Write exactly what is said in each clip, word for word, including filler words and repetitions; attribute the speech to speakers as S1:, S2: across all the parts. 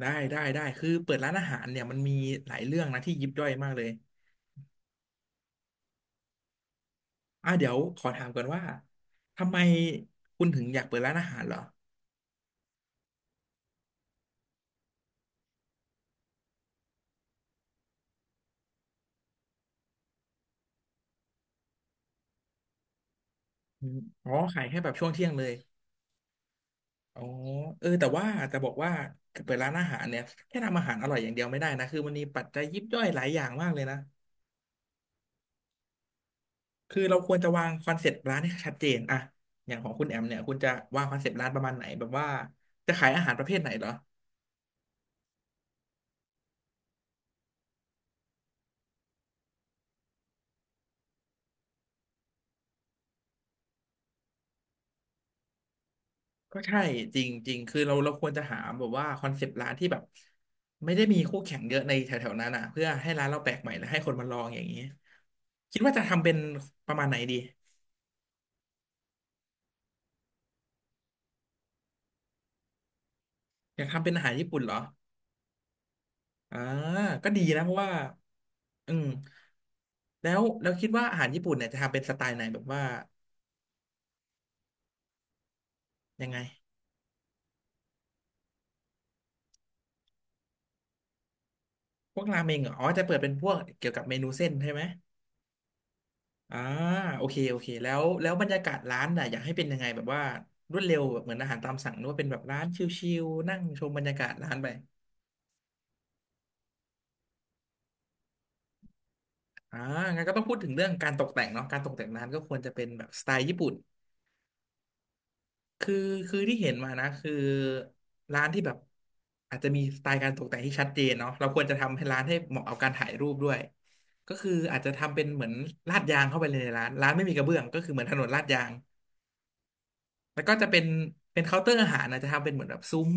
S1: ได้ได้ได้คือเปิดร้านอาหารเนี่ยมันมีหลายเรื่องนะที่ยิบย่อยมากเลยอ่ะเดี๋ยวขอถามก่อนว่าทำไมคุณถึงอยากเปิดร้านอาหารเหรออืมอ๋อขายแค่แบบช่วงเที่ยงเลยอ๋อเออแต่ว่าจะบอกว่าเปิดร้านอาหารเนี่ยแค่ทำอาหารอร่อยอย่างเดียวไม่ได้นะคือมันมีปัจจัยยิบย่อยหลายอย่างมากเลยนะคือเราควรจะวางคอนเซ็ปต์ร้านให้ชัดเจนอะอย่างของคุณแอมเนี่ยคุณจะวางคอนเซ็ปต์ร้านประมาณไหนแบบว่าจะขายอาหารประเภทไหนเหรอ ก็ใช่จริงจริงคือเราเราควรจะหาแบบว่าคอนเซปต์ร้านที่แบบไม่ได้มีคู่แข่งเยอะในแถวๆนั้นอ่ะเพื่อให้ร้านเราแปลกใหม่และให้คนมาลองอย่างนี้คิดว่าจะทำเป็นประมาณไหนดีอยากทำเป็นอาหารญี่ปุ่นเหรออ่าก็ดีนะเพราะว่าอืมแล้วเราคิดว่าอาหารญี่ปุ่นเนี่ยจะทำเป็นสไตล์ไหนแบบว่ายังไงพวกราเมงเหรออ๋อจะเปิดเป็นพวกเกี่ยวกับเมนูเส้นใช่ไหม อ่าโอเคโอเคแล้วแล้วบรรยากาศร้านน่ะอยากให้เป็นยังไงแบบว่ารวดเร็วแบบเหมือนอาหารตามสั่งหรือว่าเป็นแบบร้านชิลๆนั่งชมบรรยากาศร้านไปอ่างั้นก็ต้องพูดถึงเรื่องการตกแต่งเนาะการตกแต่งร้านก็ควรจะเป็นแบบสไตล์ญี่ปุ่นคือคือที่เห็นมานะคือร้านที่แบบอาจจะมีสไตล์การตกแต่งที่ชัดเจนเนาะเราควรจะทำให้ร้านให้เหมาะกับการถ่ายรูปด้วยก็คืออาจจะทำเป็นเหมือนลาดยางเข้าไปเลยในร้านร้านไม่มีกระเบื้องก็คือเหมือนถนนลาดยาง แล้วก็จะเป็นเป็นเคาน์เตอร์อาหารนะจะทำเป็นเหมือนแบบซุ้ม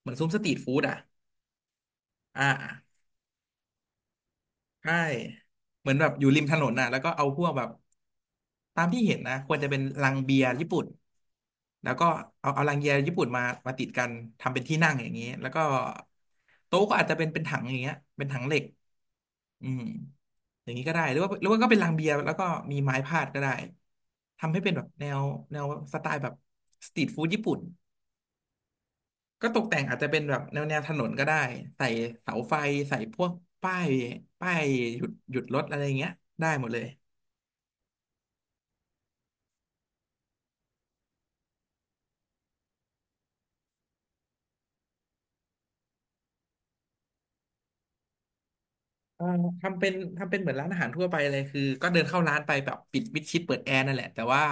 S1: เหมือนซุ้มสตรีทฟู้ดอ่ะอ่าใช่เหมือนแบบอยู่ริมถนนน่ะแล้วก็เอาพวกแบบตามที่เห็นนะควรจะเป็นลังเบียร์ญี่ปุ่นแล้วก็เอาเอาลังเบียร์ญี่ปุ่นมามาติดกันทำเป็นที่นั่งอย่างนี้แล้วก็โต๊ะก็อาจจะเป็นเป็นถังอย่างเงี้ยเป็นถังเหล็กอืมอย่างนี้ก็ได้หรือว่าหรือว่าก็เป็นลังเบียร์แล้วก็มีไม้พาดก็ได้ทำให้เป็นแบบแนวแนวสไตล์แบบสตรีทฟู้ดญี่ปุ่น ก็ตกแต่งอาจจะเป็นแบบแนวแนวถนนก็ได้ใส่เสาไฟใส่พวกป้ายป้ายหยุดหยุดรถอะไรเงี้ยได้หมดเลยเอ่อทำเป็นทำเป็นเหมือนร้านอาหารทั่วไปเลยคือก็เดินเข้าร้านไปแบบปิดมิดชิดเปิดแอร์นั่นแหละแต่ว่า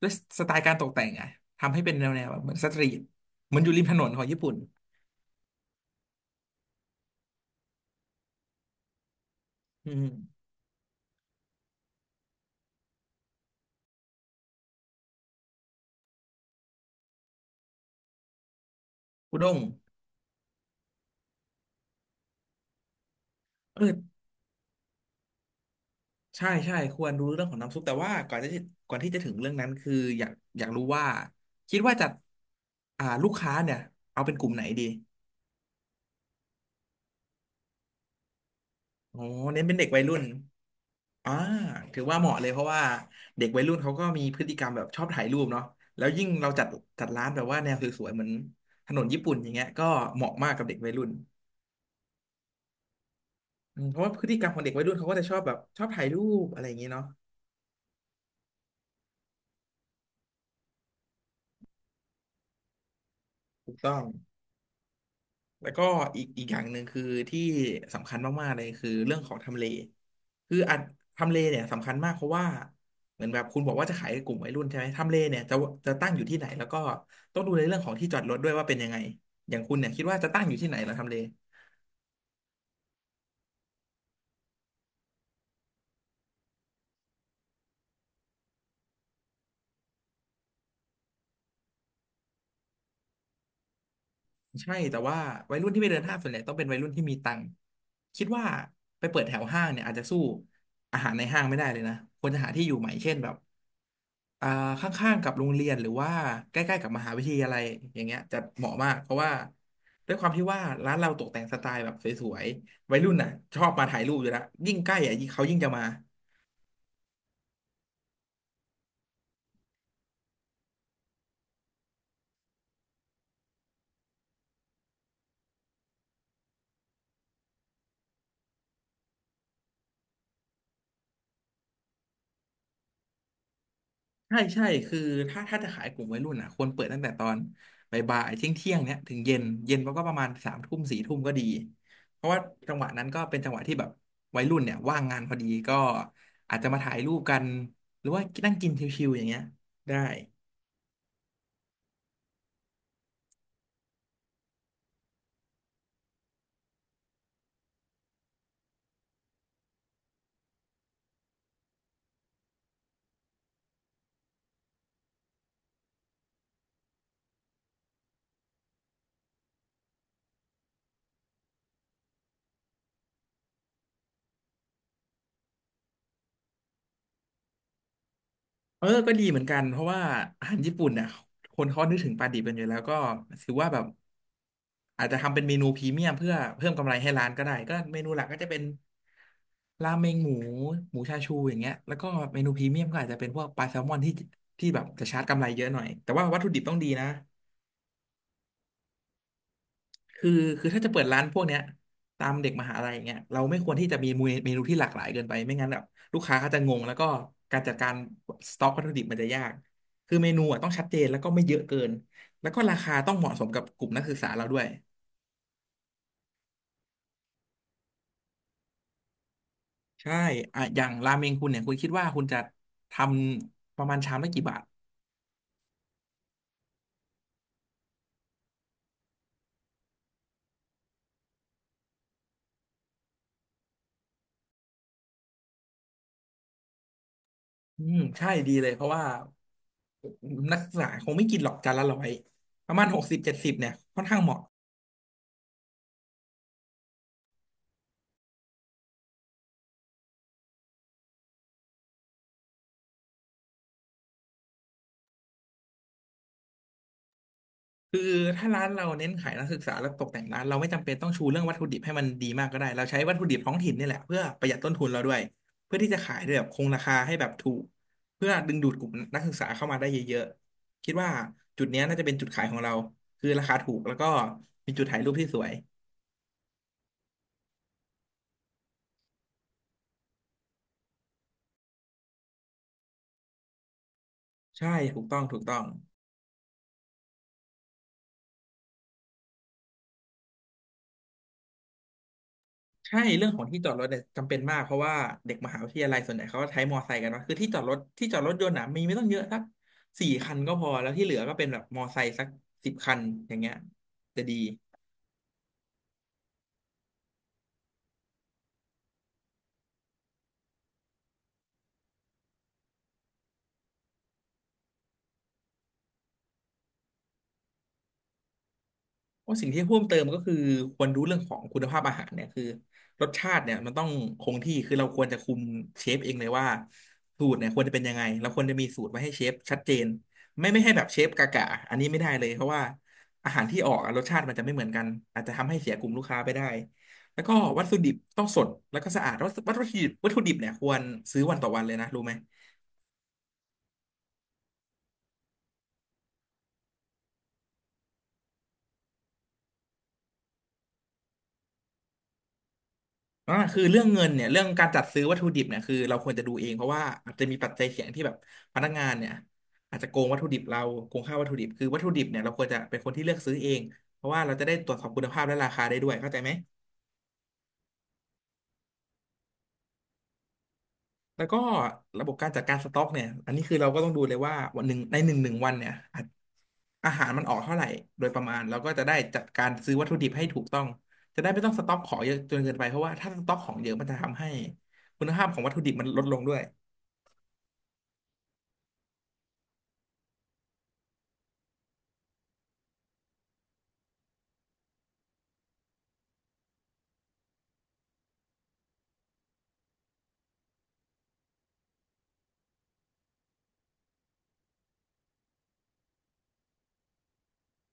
S1: ด้วยสไตล์การตกแต่งอะทำให้เป็นแนวแนวแบบเหมือนสตรีทเหมือนอยู่ริมถนนของญี่ปุ่นอืมอุด้งเออใช่ใช่ควรรู้เรื่องของน้ำซุปแต่ว่าก่อนที่ก่อนที่จะถึงเรื่องนั้นคืออยากอยากรู้ว่าคิดว่าจะอ่าลูกค้าเนี่ยเอาเป็นกลุ่มไหนดี โอ้เน้นเป็นเด็กวัยรุ่นอ่าถือว่าเหมาะเลยเพราะว่าเด็กวัยรุ่นเขาก็มีพฤติกรรมแบบชอบถ่ายรูปเนาะแล้วยิ่งเราจัดจัดร้านแบบว่าแนวสวยๆเหมือนถนนญี่ปุ่นอย่างเงี้ยก็เหมาะมากกับเด็กวัยรุ่นอืมเพราะว่าพฤติกรรมของเด็กวัยรุ่นเขาก็จะชอบแบบชอบถ่ายรูปอะไรอย่างเงี้ยเนาะถูกต้อง แล้วก็อีกอีกอย่างหนึ่งคือที่สำคัญมากๆเลยคือเรื่องของทำเลคืออันทำเลเนี่ยสำคัญมากเพราะว่าเหมือนแบบคุณบอกว่าจะขายกลุ่มวัยรุ่นใช่ไหมทำเลเนี่ยจะจะตั้งอยู่ที่ไหนแล้วก็ต้องดูในเรื่องของที่จอดรถด้วยว่าเป็นยังไงอย่างคุณเนี่ยคิดว่าจะตั้งอยู่ที่ไหนเหรอทำเลใช่แต่ว่าวัยรุ่นที่ไปเดินห้างส่วนใหญ่ต้องเป็นวัยรุ่นที่มีตังค์คิดว่าไปเปิดแถวห้างเนี่ยอาจจะสู้อาหารในห้างไม่ได้เลยนะควรจะหาที่อยู่ใหม่เช่นแบบ อ่าข้างๆกับโรงเรียนหรือว่าใกล้ๆกับมหาวิทยาลัยอย่างเงี้ยจะเหมาะมากเพราะว่าด้วยความที่ว่าร้านเราตกแต่งสไตล์แบบสวยๆวัยรุ่นน่ะชอบมาถ่ายรูปอยู่แล้วยิ่งใกล้อ่ะยิ่งเขายิ่งจะมาใช่ใช่คือถ้าถ้าจะขายกลุ่มวัยรุ่นอ่ะควรเปิดตั้งแต่ตอนบ่ายๆเที่ยงเที่ยงเนี้ยถึงเย็นเย็นมันก็ประมาณสามทุ่มสี่ทุ่มก็ดีเพราะว่าจังหวะนั้นก็เป็นจังหวะที่แบบวัยรุ่นเนี่ยว่างงานพอดีก็อาจจะมาถ่ายรูปกันหรือว่านั่งกินชิวๆอย่างเงี้ยได้ เออก็ดีเหมือนกันเพราะว่าอาหารญี่ปุ่นเนี่ยคนเขานึกถึงปลาดิบกันอยู่แล้วก็ถือว่าแบบอาจจะทำเป็นเมนูพรีเมียมเพื่อเพิ่มกำไรให้ร้านก็ได้ก็เมนูหลักก็จะเป็นราเมงหมูหมูชาชูอย่างเงี้ยแล้วก็เมนูพรีเมียมก็อาจจะเป็นพวกปลาแซลมอนที่ที่แบบจะชาร์จกำไรเยอะหน่อยแต่ว่าวัตถุดิบต้องดีนะ คือคือถ้าจะเปิดร้านพวกเนี้ยตามเด็กมหาลัยอย่างเงี้ยเราไม่ควรที่จะมีเมนูที่หลากหลายเกินไปไม่งั้นแบบลูกค้าเขาจะงงแล้วก็การจัดการสต็อกวัตถุดิบมันจะยากคือเมนูอ่ะต้องชัดเจนแล้วก็ไม่เยอะเกินแล้วก็ราคาต้องเหมาะสมกับกลุ่มนักศึกษาเราด้วยใช่อ่ะอย่างราเมงคุณเนี่ยคุณคิดว่าคุณจะทำประมาณชามละกี่บาทอืมใช่ดีเลยเพราะว่านักศึกษาคงไม่กินหรอกจานละร้อยประมาณหกสิบเจ็ดสิบเนี่ยค่อนข้างเหมาะ คือถ้าร้านเราเน้นขายนักศึกษาและตกแต่งร้านเราไม่จำเป็นต้องชูเรื่องวัตถุดิบให้มันดีมากก็ได้เราใช้วัตถุดิบท้องถิ่นนี่แหละเพื่อประหยัดต้นทุนเราด้วยเพื่อที่จะขายได้แบบคงราคาให้แบบถูกเพื่อดึงดูดกลุ่มนักศึกษาเข้ามาได้เยอะๆคิดว่าจุดเนี้ยน่าจะเป็นจุดขายของเราคือราคาถูกแล้วก็มีจุดถ่ายรูปที่สวยใช่ถูกต้องถูกต้อง ใช่เรื่องของที่จอดรถเนี่ยจำเป็นมากเพราะว่าเด็กมหาวิทยาลัยส่วนใหญ่เขาก็ใช้มอไซค์กันเนอะคือที่จอดรถที่จอดรถยนต์น่ะมีไม่ต้องเยอะสักสี่คันก็พอแล้วที่เหลือก็เป็นแบบมอไซค์สักสิบคันอย่างเงี้ยจะดี ว่าสิ่งที่เพิ่มเติมก็คือควรรู้เรื่องของคุณภาพอาหารเนี่ยคือรสชาติเนี่ยมันต้องคงที่คือเราควรจะคุมเชฟเองเลยว่าสูตรเนี่ยควรจะเป็นยังไงเราควรจะมีสูตรไว้ให้เชฟชัดเจนไม่ไม่ให้แบบเชฟกากะอันนี้ไม่ได้เลยเพราะว่าอาหารที่ออกอะรสชาติมันจะไม่เหมือนกันอาจจะทำให้เสียกลุ่มลูกค้าไปได้แล้วก็วัตถุดิบต้องสดแล้วก็สะอาดวัตถุวัตถุดิบวัตถุดิบเนี่ยควรซื้อวันต่อวันเลยนะรู้ไหม อ่าคือเรื่องเงินเนี่ยเรื่องการจัดซื้อวัตถุดิบเนี่ยคือเราควรจะดูเองเพราะว่าอาจจะมีปัจจัยเสี่ยงที่แบบพนักงานเนี่ยอาจจะโกงวัตถุดิบเราโกงค่าวัตถุดิบคือวัตถุดิบเนี่ยเราควรจะเป็นคนที่เลือกซื้อเองเพราะว่าเราจะได้ตรวจสอบคุณภาพและราคาได้ด้วยเข้าใจไหมแล้วก็ระบบการจัดการสต็อกเนี่ยอันนี้คือเราก็ต้องดูเลยว่าวันหนึ่งในหนึ่งหนึ่งวันเนี่ยอาจอาหารมันออกเท่าไหร่โดยประมาณเราก็จะได้จัดการซื้อวัตถุดิบให้ถูกต้องจะได้ไม่ต้องสต็อกของเยอะจนเกินไปเพราะว่าถ้าสต็อกของเยอะมันจะทำให้คุณภาพของวัตถุดิบมันลดลงด้วย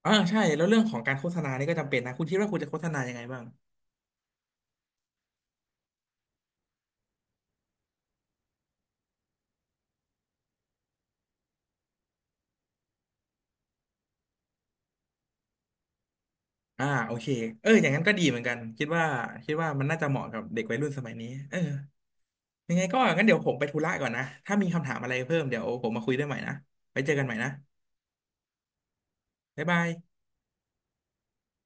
S1: อ่าใช่แล้วเรื่องของการโฆษณานี่ก็จำเป็นนะคุณคิดว่าคุณจะโฆษณายังไงบ้างอ่าโอเคเอออย่างนั้นก็ดีเหมือนกันคิดว่าคิดว่ามันน่าจะเหมาะกับเด็กวัยรุ่นสมัยนี้เออยังไงก็งั้นเดี๋ยวผมไปธุระก่อนนะถ้ามีคำถามอะไรเพิ่มเดี๋ยวผมมาคุยด้วยใหม่นะไปเจอกันใหม่นะบ๊ายบาย